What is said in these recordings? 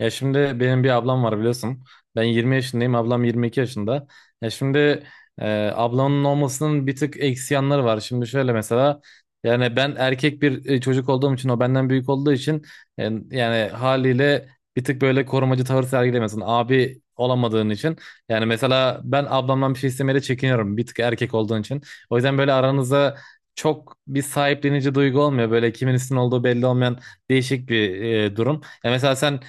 Ya şimdi benim bir ablam var biliyorsun. Ben 20 yaşındayım, ablam 22 yaşında. Ya şimdi ablamın olmasının bir tık eksi yanları var. Şimdi şöyle mesela yani ben erkek bir çocuk olduğum için o benden büyük olduğu için e, yani haliyle bir tık böyle korumacı tavır sergilemiyorsun. Abi olamadığın için. Yani mesela ben ablamdan bir şey istemeye de çekiniyorum bir tık erkek olduğun için. O yüzden böyle aranızda çok bir sahiplenici duygu olmuyor. Böyle kimin üstün olduğu belli olmayan değişik bir durum. Ya mesela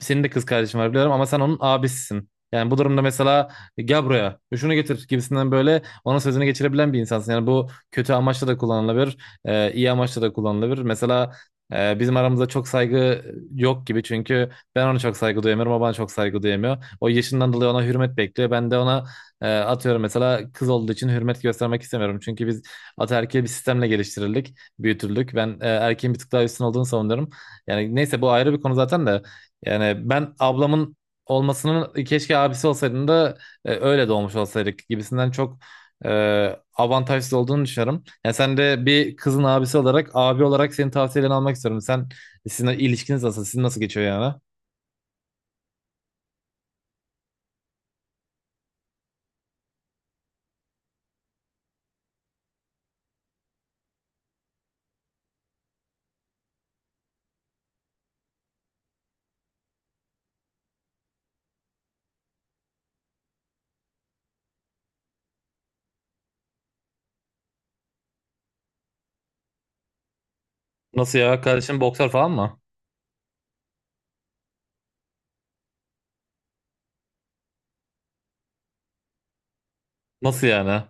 senin de kız kardeşin var biliyorum ama sen onun abisisin. Yani bu durumda mesela gel buraya şunu getir gibisinden böyle onun sözünü geçirebilen bir insansın. Yani bu kötü amaçla da kullanılabilir, iyi amaçla da kullanılabilir. Mesela bizim aramızda çok saygı yok gibi çünkü ben ona çok saygı duyamıyorum, o bana çok saygı duyamıyor. O yaşından dolayı ona hürmet bekliyor. Ben de ona atıyorum mesela kız olduğu için hürmet göstermek istemiyorum. Çünkü biz ataerkil bir sistemle geliştirildik, büyütüldük. Ben erkeğin bir tık daha üstün olduğunu savunuyorum. Yani neyse bu ayrı bir konu zaten de. Yani ben ablamın olmasının keşke abisi olsaydın da öyle doğmuş olsaydık gibisinden çok e, avantajsız olduğunu düşünüyorum. Yani sen de bir kızın abisi olarak, abi olarak senin tavsiyelerini almak istiyorum. Sizin ilişkiniz nasıl? Sizin nasıl geçiyor yani? Nasıl ya? Kardeşin boksör falan mı? Nasıl yani?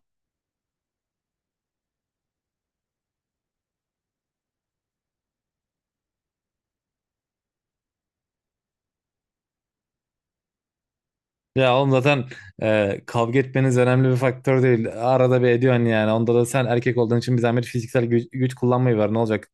Ya oğlum zaten kavga etmeniz önemli bir faktör değil. Arada bir ediyorsun yani. Onda da sen erkek olduğun için bir zahmet fiziksel güç kullanmayı var. Ne olacak?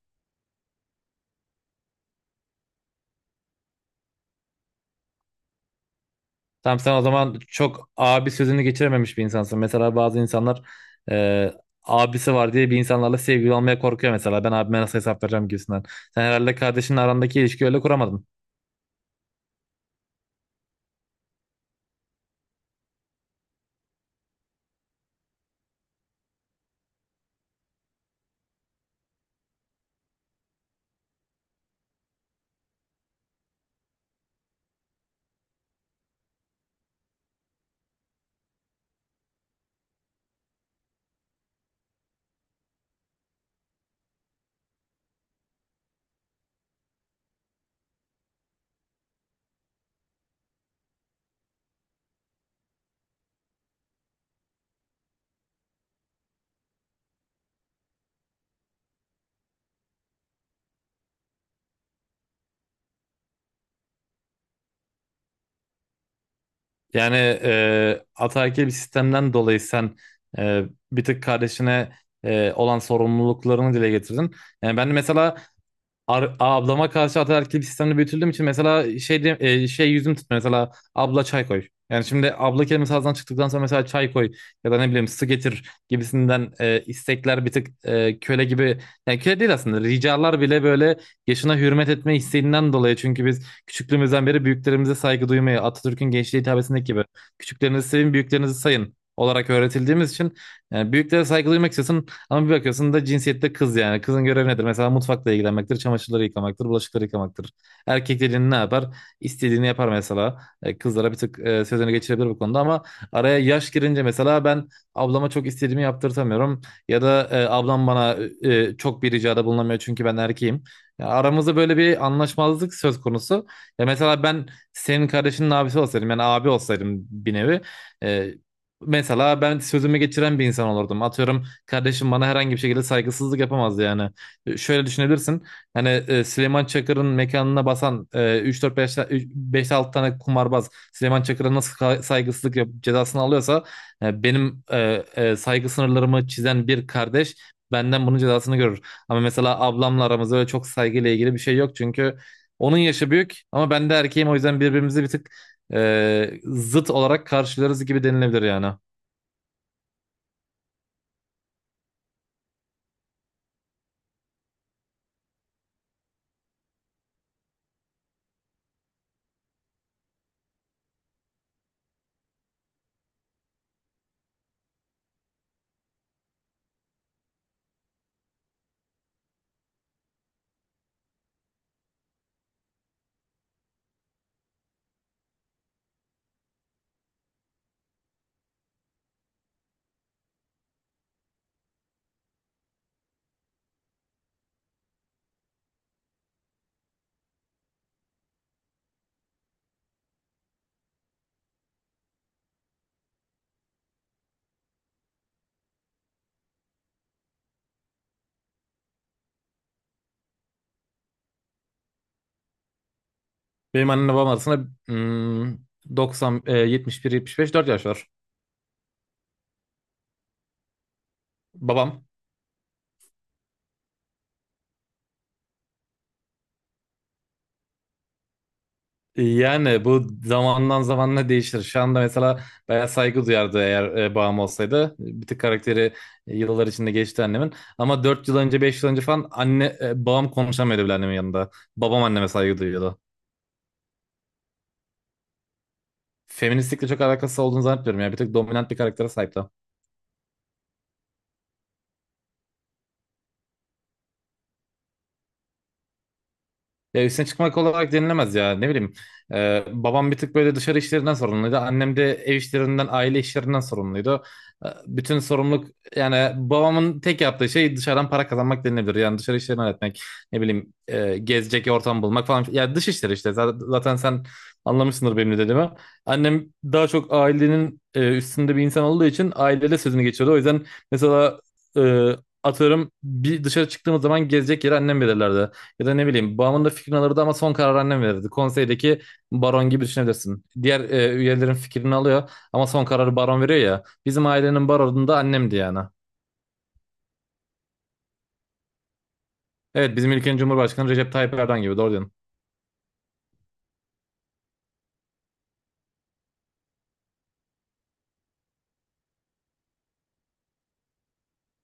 Tamam sen o zaman çok abi sözünü geçirememiş bir insansın. Mesela bazı insanlar e, abisi var diye bir insanlarla sevgili olmaya korkuyor mesela. Ben abime nasıl hesap vereceğim gibisinden. Sen herhalde kardeşinle arandaki ilişkiyi öyle kuramadın. Yani ataerkil bir sistemden dolayı sen e, bir tık kardeşine olan sorumluluklarını dile getirdin. Yani ben de mesela ablama karşı ataerkil bir sistemde büyütüldüğüm için mesela şey yüzüm tutmuyor. Mesela abla çay koy. Yani şimdi abla kelimesi ağzından çıktıktan sonra mesela çay koy ya da ne bileyim su getir gibisinden istekler bir tık köle gibi yani köle değil aslında ricalar bile böyle yaşına hürmet etme isteğinden dolayı çünkü biz küçüklüğümüzden beri büyüklerimize saygı duymayı Atatürk'ün gençliğe hitabesindeki gibi küçüklerinizi sevin büyüklerinizi sayın olarak öğretildiğimiz için yani büyüklere saygı duymak istiyorsun ama bir bakıyorsun da cinsiyette kız yani. Kızın görevi nedir? Mesela mutfakla ilgilenmektir, çamaşırları yıkamaktır, bulaşıkları yıkamaktır. Erkek dediğin ne yapar? İstediğini yapar mesela. Kızlara bir tık sözünü geçirebilir bu konuda ama araya yaş girince mesela ben ablama çok istediğimi yaptırtamıyorum. Ya da ablam bana çok bir ricada bulunamıyor çünkü ben erkeğim. Ya aramızda böyle bir anlaşmazlık söz konusu. Ya mesela ben senin kardeşinin abisi olsaydım yani abi olsaydım bir nevi. e, Mesela ben sözümü geçiren bir insan olurdum. Atıyorum kardeşim bana herhangi bir şekilde saygısızlık yapamazdı yani. Şöyle düşünebilirsin. Hani Süleyman Çakır'ın mekanına basan üç dört beş 6 tane kumarbaz Süleyman Çakır'a nasıl saygısızlık yap cezasını alıyorsa benim saygı sınırlarımı çizen bir kardeş benden bunun cezasını görür. Ama mesela ablamla aramızda öyle çok saygıyla ilgili bir şey yok çünkü onun yaşı büyük ama ben de erkeğim o yüzden birbirimizi bir tık zıt olarak karşılarız gibi denilebilir yani. Benim annemle babam arasında 90, 71, 75, 4 yaş var. Babam. Yani bu zamandan zamanla değişir. Şu anda mesela bayağı saygı duyardı eğer babam olsaydı. Bir tık karakteri yıllar içinde geçti annemin. Ama 4 yıl önce, 5 yıl önce falan babam konuşamıyordu bile annemin yanında. Babam anneme saygı duyuyordu. Feministlikle çok alakası olduğunu zannetmiyorum ya. Bir tık dominant bir karaktere sahipti. Ya üstüne çıkmak olarak denilemez ya ne bileyim. Babam bir tık böyle dışarı işlerinden sorumluydu. Annem de ev işlerinden, aile işlerinden sorumluydu. Bütün sorumluluk yani babamın tek yaptığı şey dışarıdan para kazanmak denilebilir. Yani dışarı işlerini halletmek, ne bileyim gezecek ortam bulmak falan. Ya dış işleri işte zaten sen anlamışsındır benim ne dediğimi. Annem daha çok ailenin üstünde bir insan olduğu için ailede sözünü geçiyordu. O yüzden mesela e, atıyorum bir dışarı çıktığımız zaman gezecek yeri annem belirlerdi. Ya da ne bileyim babamın da fikrini alırdı ama son karar annem verirdi. Konseydeki baron gibi düşünebilirsin. Diğer üyelerin fikrini alıyor ama son kararı baron veriyor ya. Bizim ailenin baronu da annemdi yani. Evet, bizim ülkenin Cumhurbaşkanı Recep Tayyip Erdoğan gibi doğru diyorsun.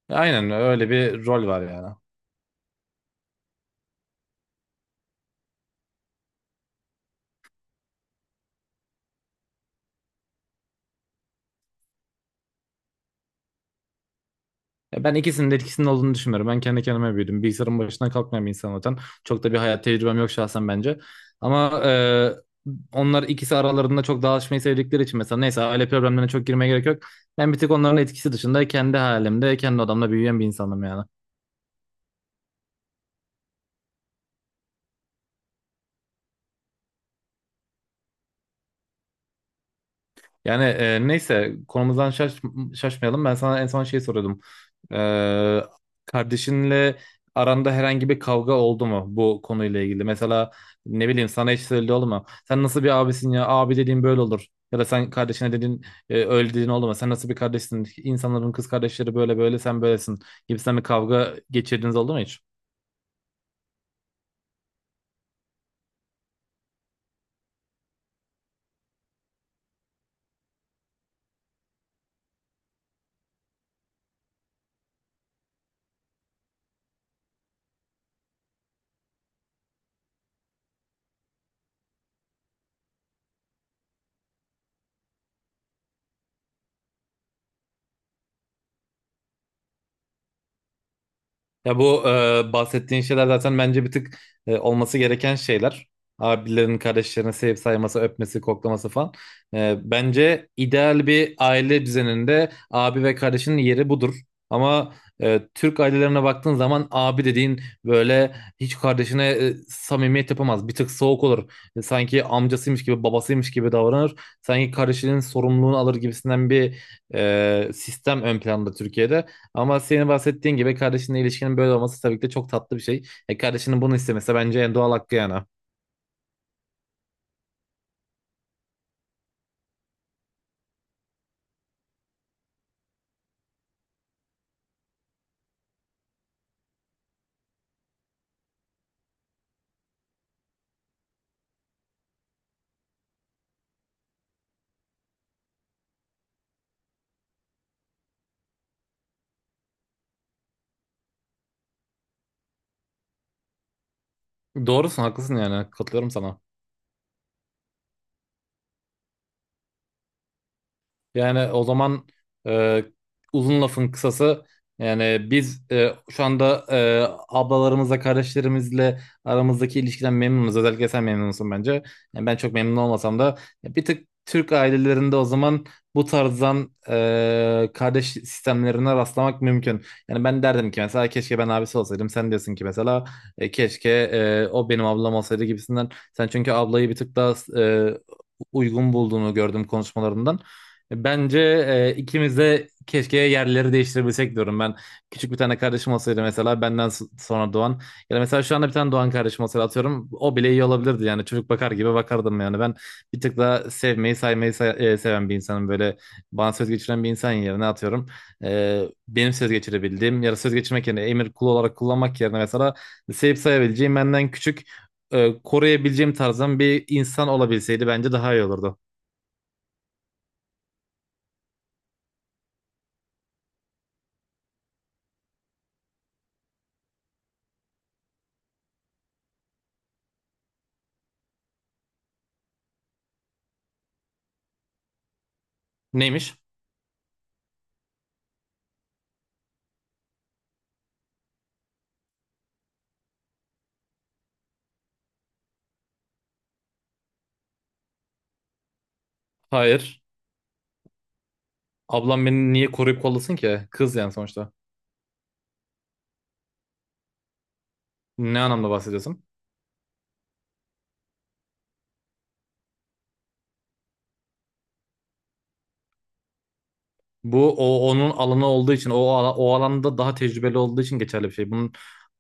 Aynen öyle bir rol var yani. Ya ben ikisinin de etkisinin olduğunu düşünüyorum. Ben kendi kendime büyüdüm. Bilgisayarın başına kalkmayan bir insan zaten. Çok da bir hayat tecrübem yok şahsen bence. Ama onlar ikisi aralarında çok dağılışmayı sevdikleri için mesela neyse aile problemlerine çok girmeye gerek yok. Ben bir tek onların etkisi dışında kendi halimde, kendi odamda büyüyen bir insanım yani. Yani neyse konumuzdan şaşmayalım. Ben sana en son şey soruyordum. Ee, Kardeşinle aranda herhangi bir kavga oldu mu bu konuyla ilgili? Mesela ne bileyim sana hiç söyledi oldu mu? Sen nasıl bir abisin ya? Abi dediğin böyle olur. Ya da sen kardeşine dedin öyle dediğin oldu mu? Sen nasıl bir kardeşsin? İnsanların kız kardeşleri böyle böyle sen böylesin gibisinden bir kavga geçirdiğiniz oldu mu hiç? Ya bu bahsettiğin şeyler zaten bence bir tık olması gereken şeyler. Abilerin, kardeşlerin sevip sayması, öpmesi, koklaması falan. Bence ideal bir aile düzeninde abi ve kardeşinin yeri budur. Ama Türk ailelerine baktığın zaman abi dediğin böyle hiç kardeşine samimiyet yapamaz. Bir tık soğuk olur. Sanki amcasıymış gibi, babasıymış gibi davranır. Sanki kardeşinin sorumluluğunu alır gibisinden bir sistem ön planda Türkiye'de. Ama senin bahsettiğin gibi kardeşinle ilişkinin böyle olması tabii ki de çok tatlı bir şey. Kardeşinin bunu istemesi bence en doğal hakkı yani. Doğrusun, haklısın, yani katılıyorum sana. Yani o zaman e, uzun lafın kısası yani biz şu anda ablalarımızla kardeşlerimizle aramızdaki ilişkiden memnunuz. Özellikle sen memnunsun bence. Yani ben çok memnun olmasam da ya bir tık Türk ailelerinde o zaman bu tarzdan kardeş sistemlerine rastlamak mümkün. Yani ben derdim ki mesela keşke ben abisi olsaydım. Sen diyorsun ki mesela keşke o benim ablam olsaydı gibisinden. Sen çünkü ablayı bir tık daha e, uygun bulduğunu gördüm konuşmalarından. Bence ikimiz de keşke yerleri değiştirebilsek diyorum ben. Küçük bir tane kardeşim olsaydı mesela benden sonra doğan ya da mesela şu anda bir tane doğan kardeşim olsaydı atıyorum o bile iyi olabilirdi yani çocuk bakar gibi bakardım yani ben bir tık daha sevmeyi saymayı seven bir insanım böyle bana söz geçiren bir insan yerine atıyorum e, benim söz geçirebildiğim ya da söz geçirmek yerine emir kulu olarak kullanmak yerine mesela sevip sayabileceğim benden küçük koruyabileceğim tarzdan bir insan olabilseydi bence daha iyi olurdu. Neymiş? Hayır. Ablam beni niye koruyup kollasın ki? Kız yani sonuçta. Ne anlamda bahsediyorsun? Bu onun alanı olduğu için o alanda daha tecrübeli olduğu için geçerli bir şey. Bunun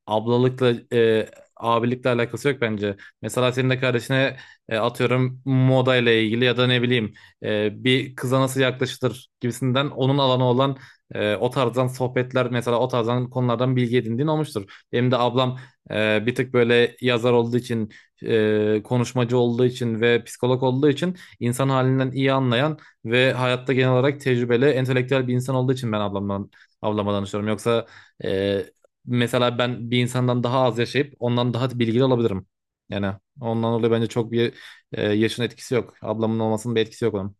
ablalıkla abilikle alakası yok bence. Mesela senin de kardeşine atıyorum moda ile ilgili ya da ne bileyim bir kıza nasıl yaklaşılır gibisinden onun alanı olan o tarzdan sohbetler mesela o tarzdan konulardan bilgi edindiğin olmuştur. Benim de ablam bir tık böyle yazar olduğu için konuşmacı olduğu için ve psikolog olduğu için insan halinden iyi anlayan ve hayatta genel olarak tecrübeli, entelektüel bir insan olduğu için ben ablamdan, ablama danışıyorum. Yoksa e, mesela ben bir insandan daha az yaşayıp ondan daha bilgili olabilirim. Yani ondan dolayı bence çok bir yaşın etkisi yok. Ablamın olmasının bir etkisi yok onun.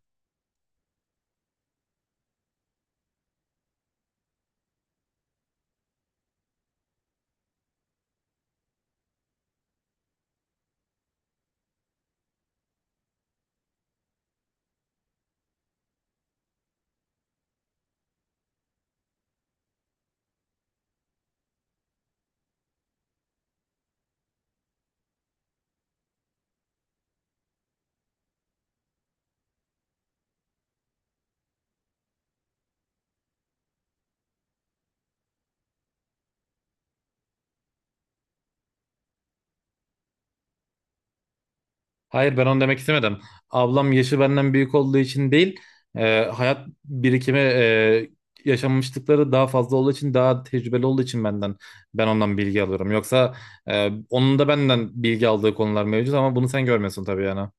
Hayır, ben onu demek istemedim. Ablam yaşı benden büyük olduğu için değil, hayat birikimi, yaşanmışlıkları daha fazla olduğu için, daha tecrübeli olduğu için ben ondan bilgi alıyorum. Yoksa onun da benden bilgi aldığı konular mevcut ama bunu sen görmüyorsun tabii yani.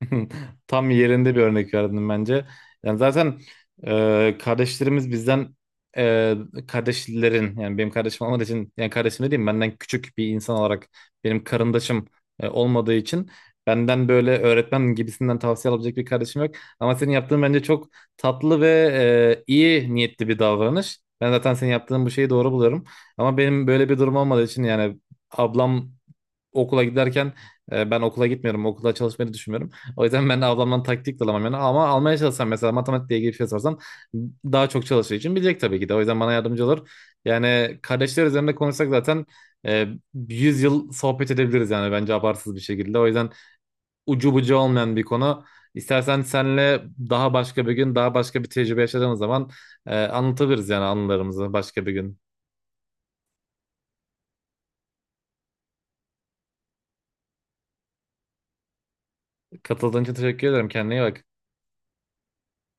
Tam yerinde bir örnek verdin bence. Yani zaten kardeşlerimiz bizden e, kardeşlerin yani benim kardeşim olmadığı için yani kardeşim dediğim benden küçük bir insan olarak benim karındaşım olmadığı için benden böyle öğretmen gibisinden tavsiye alabilecek bir kardeşim yok. Ama senin yaptığın bence çok tatlı ve iyi niyetli bir davranış. Ben zaten senin yaptığın bu şeyi doğru buluyorum. Ama benim böyle bir durum olmadığı için yani ablam okula giderken ben okula gitmiyorum. Okula çalışmayı düşünmüyorum. O yüzden ben de ablamdan taktik de alamam yani. Ama almaya çalışsam mesela matematikle ilgili bir şey sorsam daha çok çalıştığı için bilecek tabii ki de. O yüzden bana yardımcı olur. Yani kardeşler üzerinde konuşsak zaten e, 100 yıl sohbet edebiliriz yani bence abartsız bir şekilde. O yüzden ucu bucu olmayan bir konu. İstersen senle daha başka bir gün, daha başka bir tecrübe yaşadığımız zaman anlatabiliriz yani anılarımızı başka bir gün. Katıldığın için teşekkür ederim. Kendine iyi bak.